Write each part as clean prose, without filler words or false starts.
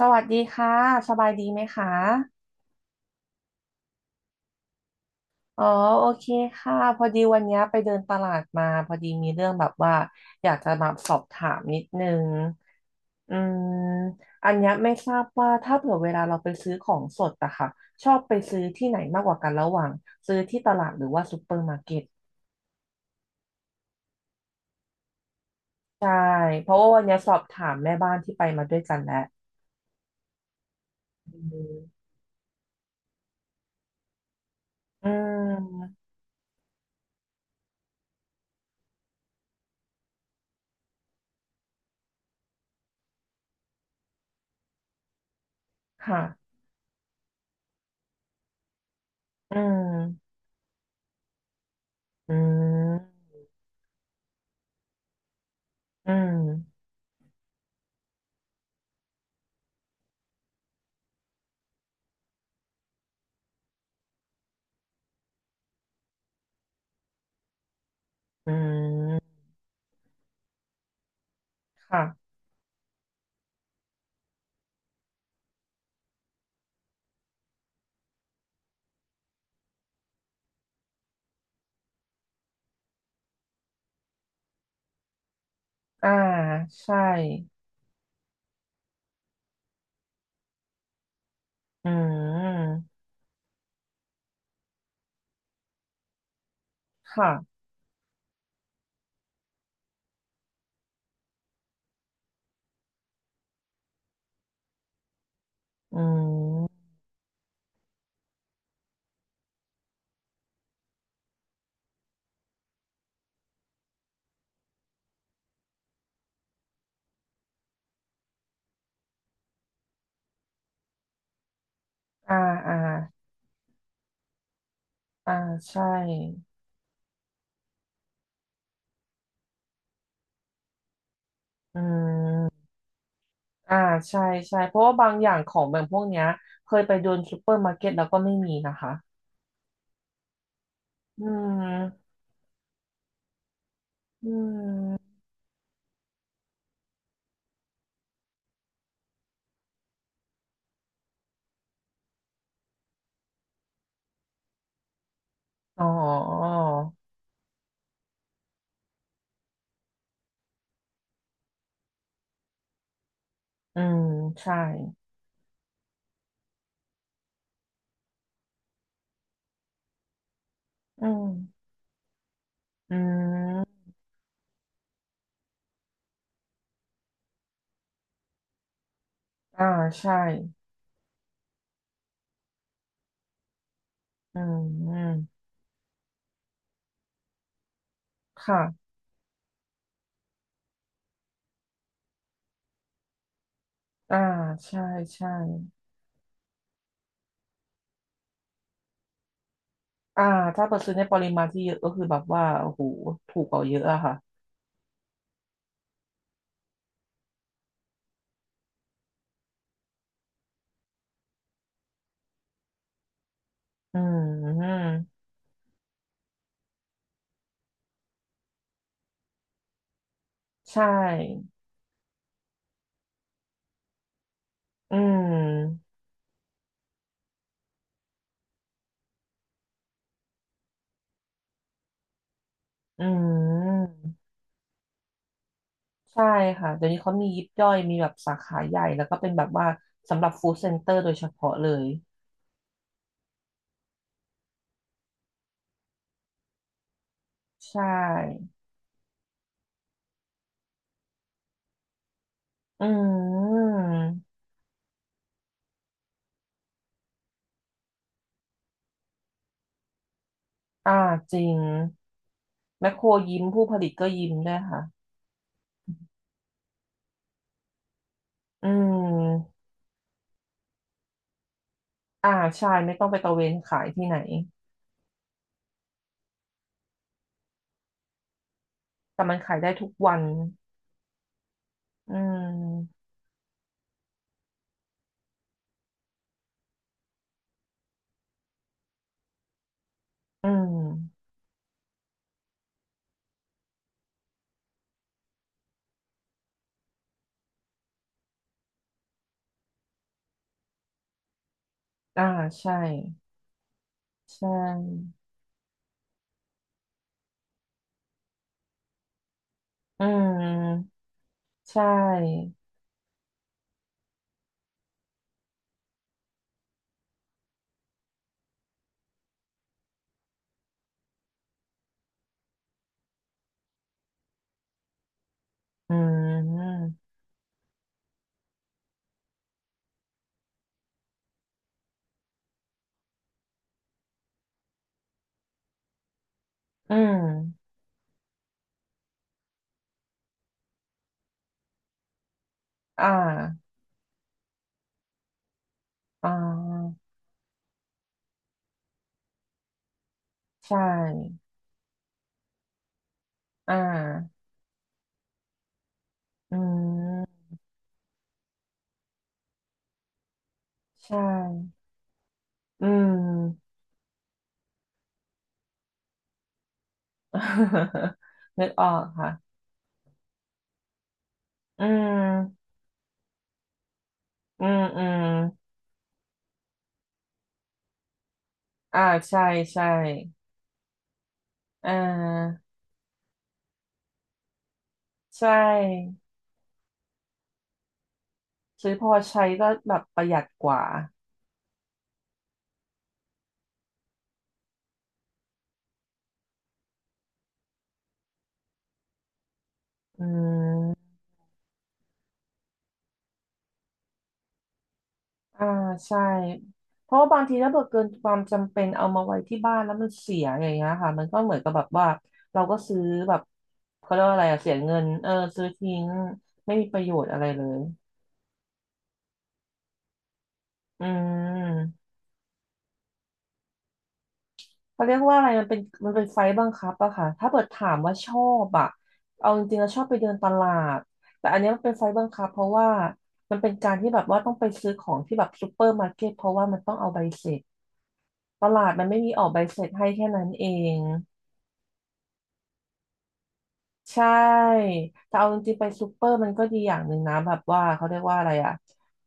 สวัสดีค่ะสบายดีไหมคะอ๋อโอเคค่ะพอดีวันเนี้ยไปเดินตลาดมาพอดีมีเรื่องแบบว่าอยากจะมาสอบถามนิดนึงอืมอันเนี้ยไม่ทราบว่าถ้าเผื่อเวลาเราไปซื้อของสดอะค่ะชอบไปซื้อที่ไหนมากกว่ากันระหว่างซื้อที่ตลาดหรือว่าซูเปอร์มาร์เก็ตใช่เพราะว่าวันเนี้ยสอบถามแม่บ้านที่ไปมาด้วยกันแล้วอืมอืมค่ะอืมอืมอืมอืมค่ะ อ่าใช่อืมค่ะอืมอ่าอ่าอ่าใช่อืมอ่าใช่ใช่เพราะว่าบางอย่างของแบบพวกเนี้ยเคยไปเดินซูเปอร์มาร์เก็ตแล้วก็ไม่มีนะคะอืมอืมอ๋ออืมใช่อืมอืมอ่าใช่อืมค่ะอ่าใช่ใช่อ่าถ้าเปิดซื้อในปริมาณที่เยอะก็คือแบบว่าโอ้โหถูกกว่าเยอะอะค่ะ อืมใช่ อืม อืมใช่ค่ะเดี๋ยวนี้เขามียิบย่อยมีแบบสาขาใหญ่แล้วก็เป็นแบบว่าสำหรับฟู้ดเซ็นเตอร์โดยเฉพาะเลยใช่ อืม อ่าจริงแมคโครยิ้มผู้ผลิตก็ยิ้มด้วยค่ะอืมอ่าใช่ไม่ต้องไปตระเวนขายที่ไหนแต่มันขายได้ทุกวันอืมอืมอ่าใช่ใช่ อืมใช่ อืมอืมอ่าอ่าใช่อ่าอืมใช่อืม นึกออกค่ะอืมอืมอืมอ่าใช่ ใช่อ่าใช่ซื้อพอใช้ก็แบบประหยัดกว่าอืม อ่าใช่เพราะว่าบางทีถ้าเกิดเกินความจำเป็นเอามาไว้ที่บ้านแล้วมันเสียอย่างเงี้ยค่ะมันก็เหมือนกับแบบว่าเราก็ซื้อแบบเขาเรียกว่าอะไรอะเสียเงินเออซื้อทิ้งไม่มีประโยชน์อะไรเลยอืมเขาเรียกว่าอะไรมันเป็นไฟบังคับอะค่ะถ้าเกิดถามว่าชอบอะเอาจริงๆแล้วชอบไปเดินตลาดแต่อันเนี้ยมันเป็นไฟบังคับเพราะว่ามันเป็นการที่แบบว่าต้องไปซื้อของที่แบบซูเปอร์มาร์เก็ตเพราะว่ามันต้องเอาใบเสร็จตลาดมันไม่มีออกใบเสร็จให้แค่นั้นเอง ใช่ แต่เอาจริงๆไปซูเปอร์มันก็ดีอย่างหนึ่งนะแบบว่าเขาเรียกว่าอะไรอ่ะ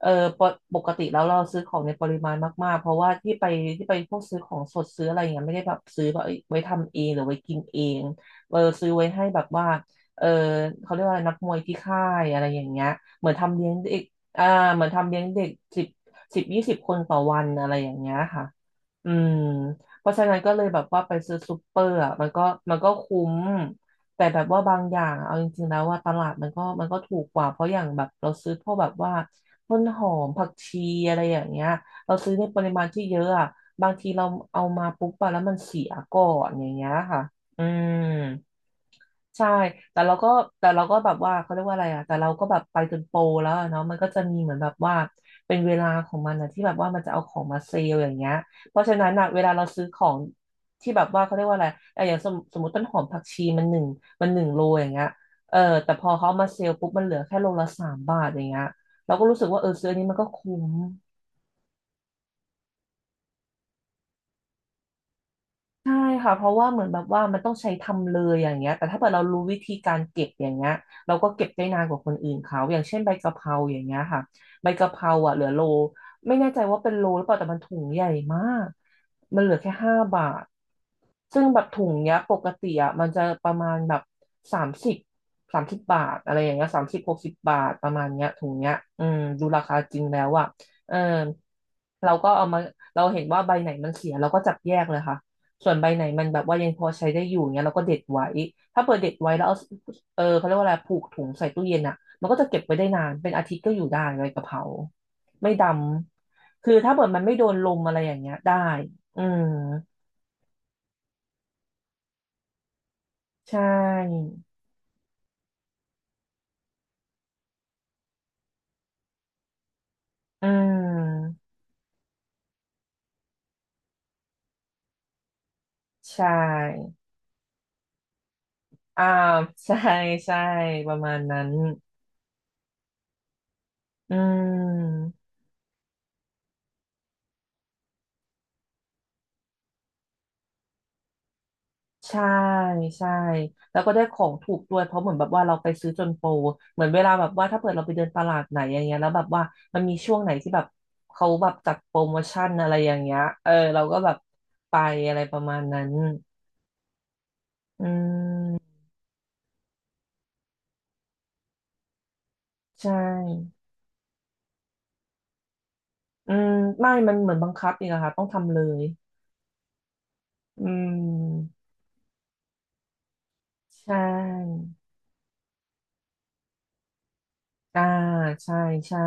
เออปกปกติแล้วเราซื้อของในปริมาณมากๆเพราะว่าที่ไปพวกซื้อของสดซื้ออะไรอย่างเงี้ยไม่ได้แบบซื้อแบบเอ้ยไว้ทำเองหรือไว้กินเองเออซื้อไว้ให้แบบว่าเออเขาเรียกว่าอะไรนักมวยที่ค่ายอะไรอย่างเงี้ยเหมือนทำเลี้ยงเด็กอ่าเหมือนทำเลี้ยงเด็กสิบสิบยี่สิบคนต่อวันอะไรอย่างเงี้ยค่ะ อืมเพราะฉะนั้นก็เลยแบบว่าไปซื้อซูเปอร์อ่ะมันก็คุ้ม แต่แบบว่าบางอย่างอะเอาจริงๆแล้วว่าตลาดมันก็ถูกกว่าเพราะอย่างแบบเราซื้อพวกแบบว่าต้นหอมผักชีอะไรอย่างเงี้ยเราซื้อในปริมาณที่เยอะอ่ะบางทีเราเอามาปุ๊บไปแล้วมันเสียก่อนอย่างเงี้ยค่ะอืม ใช่แต่เราก็แต่เราก็แบบว่าเขาเรียกว่าอะไรอ่ะแต่เราก็แบบไปจนโปรแล้วอะเนาะมันก็จะมีเหมือนแบบว่าเป็นเวลาของมันนะที่แบบว่ามันจะเอาของมาเซลล์อย่างเงี้ยเพราะฉะนั้นอ่ะเวลาเราซื้อของที่แบบว่าเขาเรียกว่าอะไรอะอย่างสมมติต้นหอมผักชีมันหนึ่งโลอย่างเงี้ยเออแต่พอเขาเอามาเซลล์ปุ๊บมันเหลือแค่โลละ 3 บาทอย่างเงี้ยเราก็รู้สึกว่าเออซื้ออันนี้มันก็คุ้ม ใช่ค่ะเพราะว่าเหมือนแบบว่ามันต้องใช้ทำเลยอย่างเงี้ยแต่ถ้าเกิดเรารู้วิธีการเก็บอย่างเงี้ยเราก็เก็บได้นานกว่าคนอื่นเขาอย่างเช่นใบกะเพราอย่างเงี้ยค่ะใบกะเพราอ่ะเหลือโลไม่แน่ใจว่าเป็นโลหรือเปล่าแต่มันถุงใหญ่มากมันเหลือแค่5 บาทซึ่งแบบถุงเนี้ยปกติอ่ะมันจะประมาณแบบสามสิบสามสิบบาทอะไรอย่างเงี้ย30-60 บาทประมาณเนี้ยถุงเนี้ยอืมดูราคาจริงแล้วอ่ะเออเราก็เอามาเราเห็นว่าใบไหนมันเสียเราก็จับแยกเลยค่ะ ส่วนใบไหนมันแบบว่ายังพอใช้ได้อยู่เงี้ยเราก็เด็ดไว้ ถ้าเปิดเด็ดไว้แล้วเอาเออเขาเรียกว่าอะไรผูกถุงใส่ตู้เย็นอ่ะมันก็จะเก็บไว้ได้นาน เป็นอาทิตย์ก็อยู่ได้ใบกะเพราไม่ดำ คือถ้าเปิดมันไม่โดนลมอะไรอย่างเงี้ยได้ อืมใช่ อืมใช่ อ่า ใช่ใช่ประมาณนั้น อืม ใช่ใช่แล้วก็ได้ของถูกด้วยเพราะเหมือนแบบว่าเราไปซื้อจนโปรเหมือนเวลาแบบว่าถ้าเปิดเราไปเดินตลาดไหนอย่างเงี้ยแล้วแบบว่ามันมีช่วงไหนที่แบบเขาแบบจัดโปรโมชั่นอะไรอย่างเงี้ยเออเราก็แบบไปอะไรประมาณนั้นอืมใช่อืมไม่มันเหมือนบังคับอีกอะค่ะต้องทำเลยอืมใช่อ่าใช่ใช่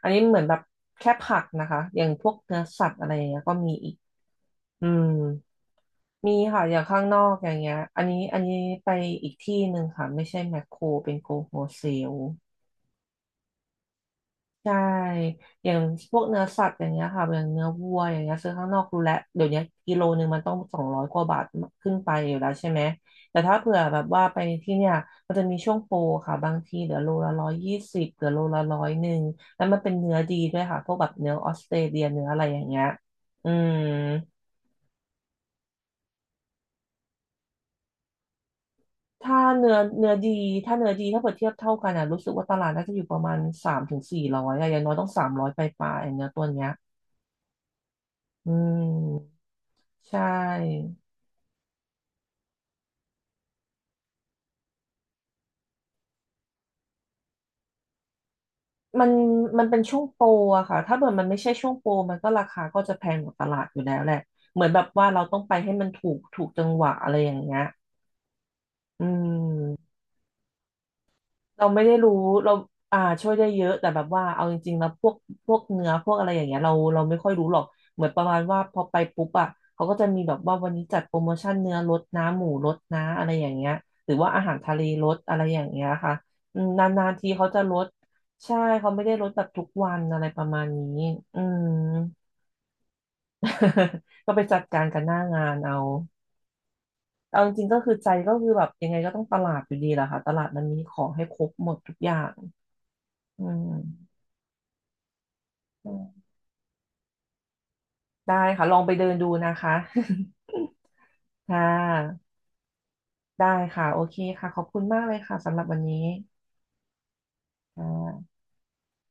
อันนี้เหมือนแบบแค่ผักนะคะอย่างพวกเนื้อสัตว์อะไรอย่างเงี้ยก็มีอีกอืม มีค่ะอย่างข้างนอกอย่างเงี้ยอันนี้อันนี้ไปอีกที่หนึ่งค่ะไม่ใช่แมคโครเป็นโกโฮเซลใช่อย่างพวกเนื้อสัตว์อย่างเงี้ยค่ะอย่างเนื้อวัวอย่างเงี้ยซื้อข้างนอกรู้แล้วเดี๋ยวนี้กิโลหนึ่งมันต้อง200กว่าบาทขึ้นไปอยู่แล้วใช่ไหมแต่ถ้าเผื่อแบบว่าไปที่เนี่ยมันจะมีช่วงโปรค่ะบางทีเหลือโลละ120เหลือโลละ101แล้วมันเป็นเนื้อดีด้วยค่ะพวกแบบเนื้อออสเตรเลียเนื้ออะไรอย่างเงี้ยอืม ถ้าเนื้อดีถ้าเนื้อดีถ้าเปรียบเทียบเท่ากันอ่ะรู้สึกว่าตลาดน่าจะอยู่ประมาณ300-400อะอย่างน้อยต้อง300ไปปลายๆเนื้อตัวเนี้ยอืมใช่มันมันเป็นช่วงโปรอะค่ะถ้าเกิดมันไม่ใช่ช่วงโปรมันก็ราคาก็จะแพงกว่าตลาดอยู่แล้วแหละเหมือนแบบว่าเราต้องไปให้มันถูกจังหวะอะไรอย่างเงี้ยอืม เราไม่ได้รู้เราอ่าช่วยได้เยอะแต่แบบว่าเอาจริงๆแล้วพวกเนื้อพวกอะไรอย่างเงี้ยเราไม่ค่อยรู้หรอกเหมือนประมาณว่าพอไปปุ๊บอ่ะเขาก็จะมีแบบว่าวันนี้จัดโปรโมชั่นเนื้อลดนะหมูลดนะอะไรอย่างเงี้ยหรือว่าอาหารทะเลลดอะไรอย่างเงี้ยค่ะอืมนานๆทีเขาจะลดใช่เขาไม่ได้ลดแบบทุกวันอะไรประมาณนี้อืม ก็ไปจัดการกันหน้างานเอาเอาจริงๆก็คือใจก็คือแบบยังไงก็ต้องตลาดอยู่ดีแหละค่ะตลาดมันมีของให้ครบหมดทุกอย่างอืม อืมได้ค่ะลองไปเดินดูนะคะ ค่ะได้ค่ะโอเคค่ะขอบคุณมากเลยค่ะสำหรับวันนี้ค่ะ